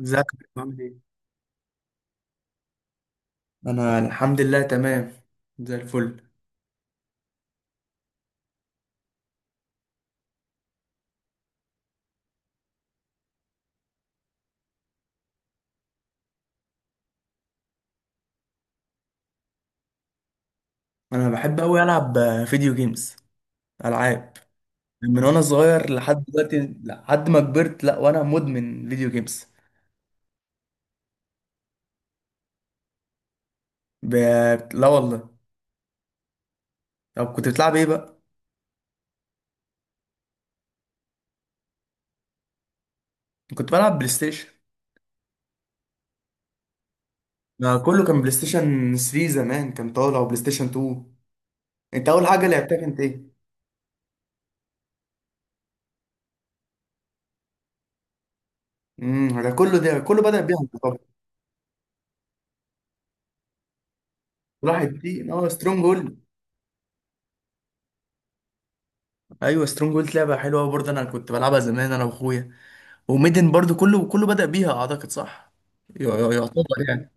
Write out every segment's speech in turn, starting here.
ازيك يا كريم، عامل ايه؟ انا الحمد لله تمام زي الفل. انا بحب اوي العب فيديو جيمز، العاب، من وانا صغير لحد دلوقتي، لحد ما كبرت لا وانا مدمن فيديو جيمز. ب... لا والله. طب كنت بتلعب ايه بقى؟ كنت بلعب بلاي ستيشن. ما كله كان بلاي ستيشن 3، زمان كان طالع وبلاي ستيشن 2. انت اول حاجه لعبتها كانت ايه؟ ده كله، بدأ بيها انت طبعا. راحت دي، اه سترونج هولد. ايوه سترونج هولد لعبه حلوه برضه، انا كنت بلعبها زمان انا واخويا. وميدن برضو، كله بدأ بيها اعتقد، صح؟ يعتبر يعني.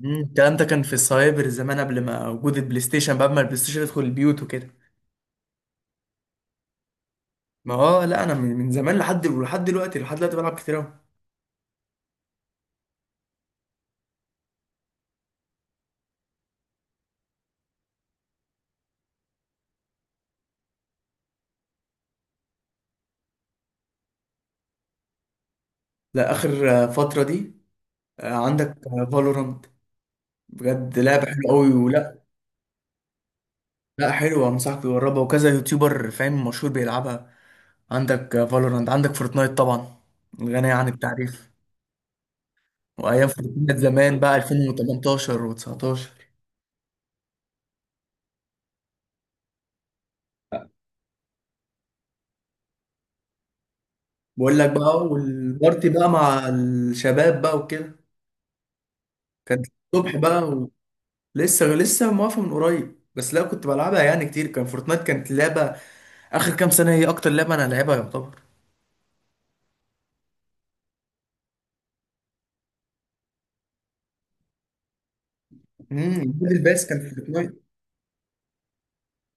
الكلام ده كان في السايبر زمان، قبل ما وجود البلاي ستيشن بقى، ما البلاي ستيشن يدخل البيوت وكده. ما هو لا انا من زمان لحد دلوقتي بلعب كتير قوي. لا اخر فترة دي. عندك فالورانت، بجد لعبة حلوة قوي ولا؟ لا حلوة، انصحك تجربها، وكذا يوتيوبر فاهم مشهور بيلعبها. عندك فالورانت، عندك فورتنايت طبعا، غنية عن التعريف. وايام فورتنايت زمان بقى 2018 و19. بقول لك بقى، والبارتي بقى مع الشباب بقى وكده كانت الصبح بقى. ولسه موافق من قريب، بس لا كنت بلعبها يعني كتير، كان فورتنايت كانت لعبة آخر كام سنة، هي أكتر لعبة أنا لعبها يعتبر. الباتل باس كان في فورتنايت.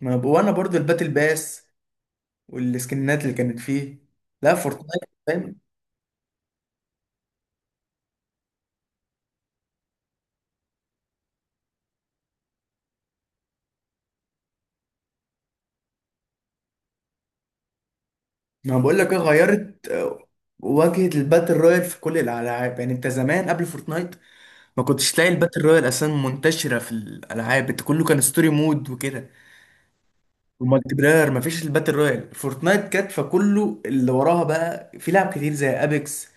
ما ب- وأنا برضو الباتل باس والسكنات اللي كانت فيه، لا فورتنايت فاهم. ما بقول لك إيه، غيرت واجهة الباتل رويال في كل الألعاب. يعني أنت زمان قبل فورتنايت ما كنتش تلاقي الباتل رويال أساسا منتشرة في الألعاب، أنت كله كان ستوري مود وكده، والمالتي بلاير مفيش الباتل رويال. فورتنايت كانت، فكله اللي وراها بقى في لعب كتير زي ابيكس.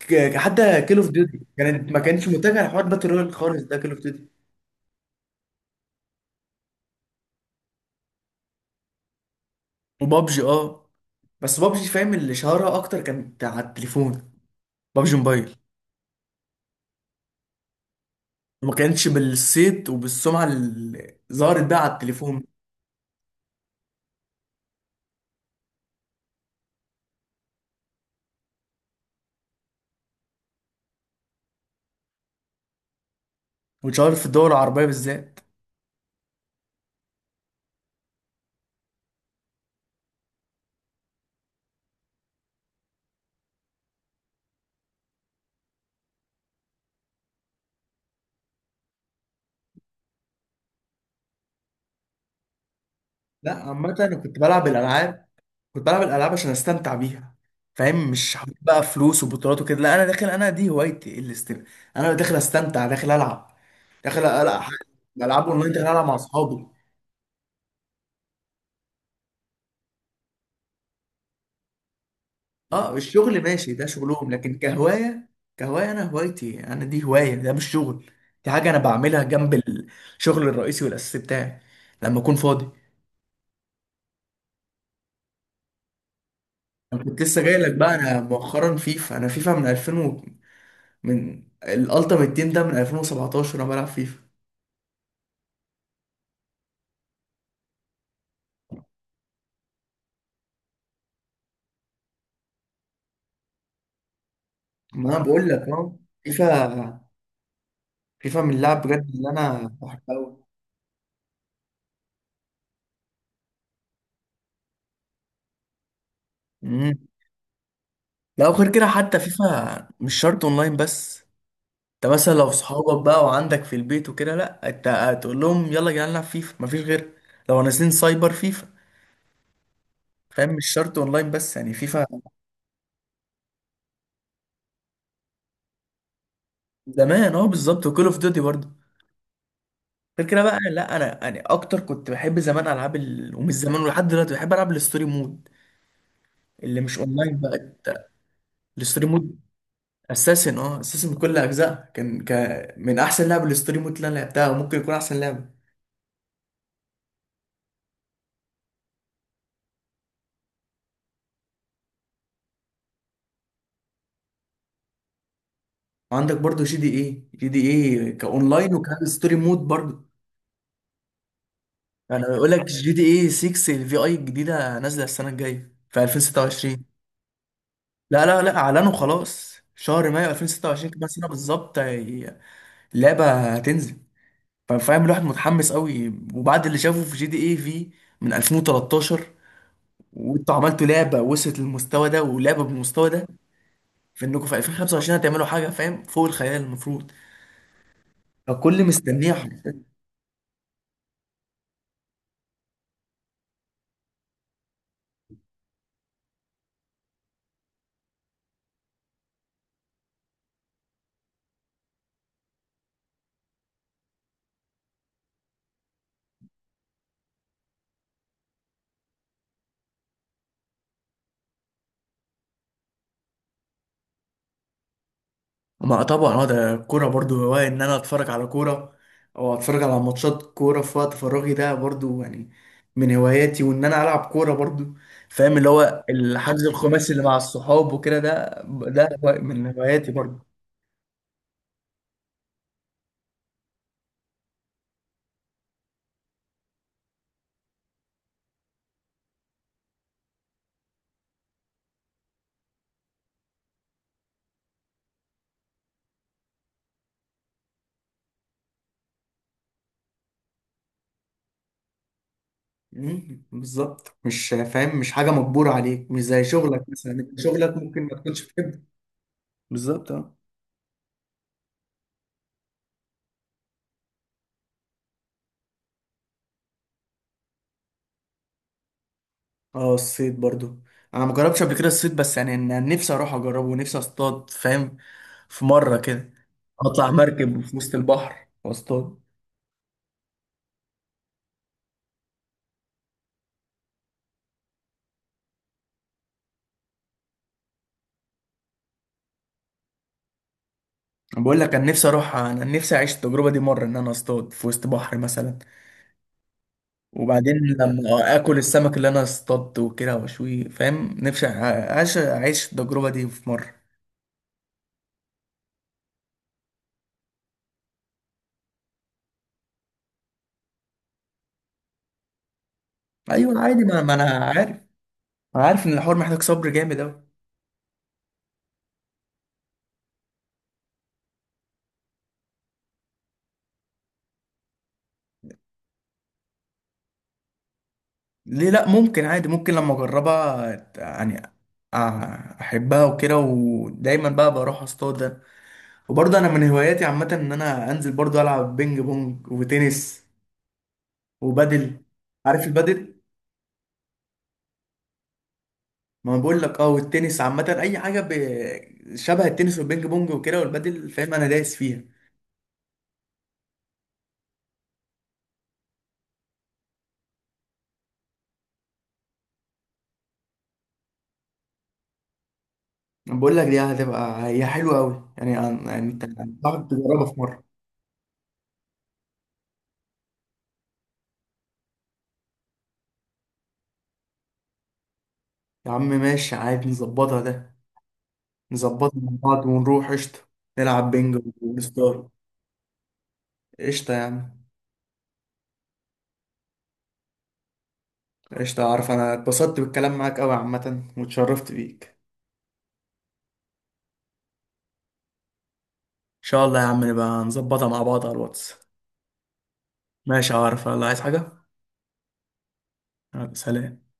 حتى كيل اوف ديوتي كانت، ما كانتش متجهه لحوار باتل رويال خالص، ده كيل اوف ديوتي. وبابجي اه، بس بابجي فاهم اللي شهرها اكتر كانت على التليفون، بابجي موبايل، وما كانتش بالصيت وبالسمعه اللي ظهرت بقى على التليفون. واتشهرت في الدول العربيه بالذات. لا عامه انا كنت بلعب الالعاب، كنت بلعب الالعاب عشان استمتع بيها فاهم، مش حاطط بقى فلوس وبطولات وكده، لا انا داخل، انا دي هوايتي الاستمتاع. انا داخل استمتع، داخل العب، داخل العب بالظبط. العاب اونلاين داخل هي العب مع اصحابي. اه الشغل ماشي ده شغلهم، لكن كهوايه. كهوايه انا هوايتي، انا دي هوايه، ده مش شغل. دي حاجه انا بعملها جنب الشغل الرئيسي والاساسي بتاعي لما اكون فاضي. انا كنت لسه جاي لك بقى، انا مؤخرا فيفا، انا فيفا من 2000 و... من الالتيميت تيم ده من 2017 انا بلعب فيفا. ما انا بقول لك اهو، فيفا، فيفا من اللعب بجد اللي انا بحبها قوي. امم لا وغير كده حتى فيفا مش شرط اونلاين بس. انت مثلا لو صحابك بقى وعندك في البيت وكده، لا انت هتقول لهم يلا يا جدعان نلعب فيفا مفيش غير، لو نازلين سايبر فيفا، فاهم مش شرط اونلاين بس يعني فيفا. زمان اه بالظبط، وكول اوف ديوتي برضه. غير كده بقى لا انا يعني اكتر كنت بحب زمان العاب ومش زمان ولحد دلوقتي بحب العب الستوري مود اللي مش اونلاين بقى. الستوري مود اساسن، اه اساسن بكل اجزاء كان من احسن لعبه الستوري مود اللي انا لعبتها، وممكن يكون احسن لعبه. وعندك برضو جي دي ايه، جي دي ايه كاونلاين وكان ستوري مود برضو. انا بقول لك جي دي ايه 6 الفي اي الجديده نازله السنه الجايه في 2026. لا لا لا، اعلنوا خلاص شهر مايو 2026 كمان سنه بالظبط، اللعبه هتنزل، فاهم الواحد متحمس قوي وبعد اللي شافه في جي دي ايه في من 2013، وانتوا عملتوا لعبه وصلت للمستوى ده ولعبه بالمستوى ده، في انكم في 2025 هتعملوا حاجه فاهم فوق الخيال المفروض، فكل مستنيه حرفيا. ما طبعا اه، ده الكوره برضو هواية، ان انا اتفرج على كوره او اتفرج على ماتشات كوره في وقت فراغي، ده برضو يعني من هواياتي. وان انا العب كوره برضو فاهم، اللي هو الحجز الخماسي اللي مع الصحاب وكده ده، من هواياتي برضو. بالظبط مش فاهم، مش حاجه مجبوره عليك، مش زي شغلك مثلا، شغلك ممكن ما تكونش بتحبه، بالظبط اه. اه الصيد برضو، انا ما جربتش قبل كده الصيد، بس يعني انا نفسي اروح اجربه، ونفسي اصطاد فاهم، في مره كده اطلع مركب في وسط البحر واصطاد. أنا بقول لك انا نفسي اروح، انا نفسي اعيش التجربه دي مره، ان انا اصطاد في وسط بحر مثلا، وبعدين لما اكل السمك اللي انا اصطادته وكده واشويه فاهم، نفسي اعيش التجربه دي في مره. ايوه عادي، ما انا عارف، انا عارف ان الحوار محتاج صبر جامد. ليه لا، ممكن عادي، ممكن لما اجربها يعني احبها وكده ودايما بقى بروح اصطاد. وبرضه انا من هواياتي عامه ان انا انزل برضه العب بينج بونج وتنس وبادل، عارف البادل. ما أنا بقول لك اه، والتنس عامه اي حاجه شبه التنس والبينج بونج وكده والبادل فاهم، انا دايس فيها. أنا بقول لك دي هتبقى هي حلوه قوي، يعني يعني انت هتعرف تجربها في مره. يا عم ماشي عادي، نظبطها ده، نظبطها مع بعض ونروح قشطه، نلعب بينج ونستار. قشطة يا عم. قشطة أعرف أنا اتبسطت بالكلام معاك أوي عامة، واتشرفت بيك. إن شاء الله يا عم، نبقى نظبطها مع بعض على الواتس. ماشي أعرف الله عايز حاجة، يلا، سلام.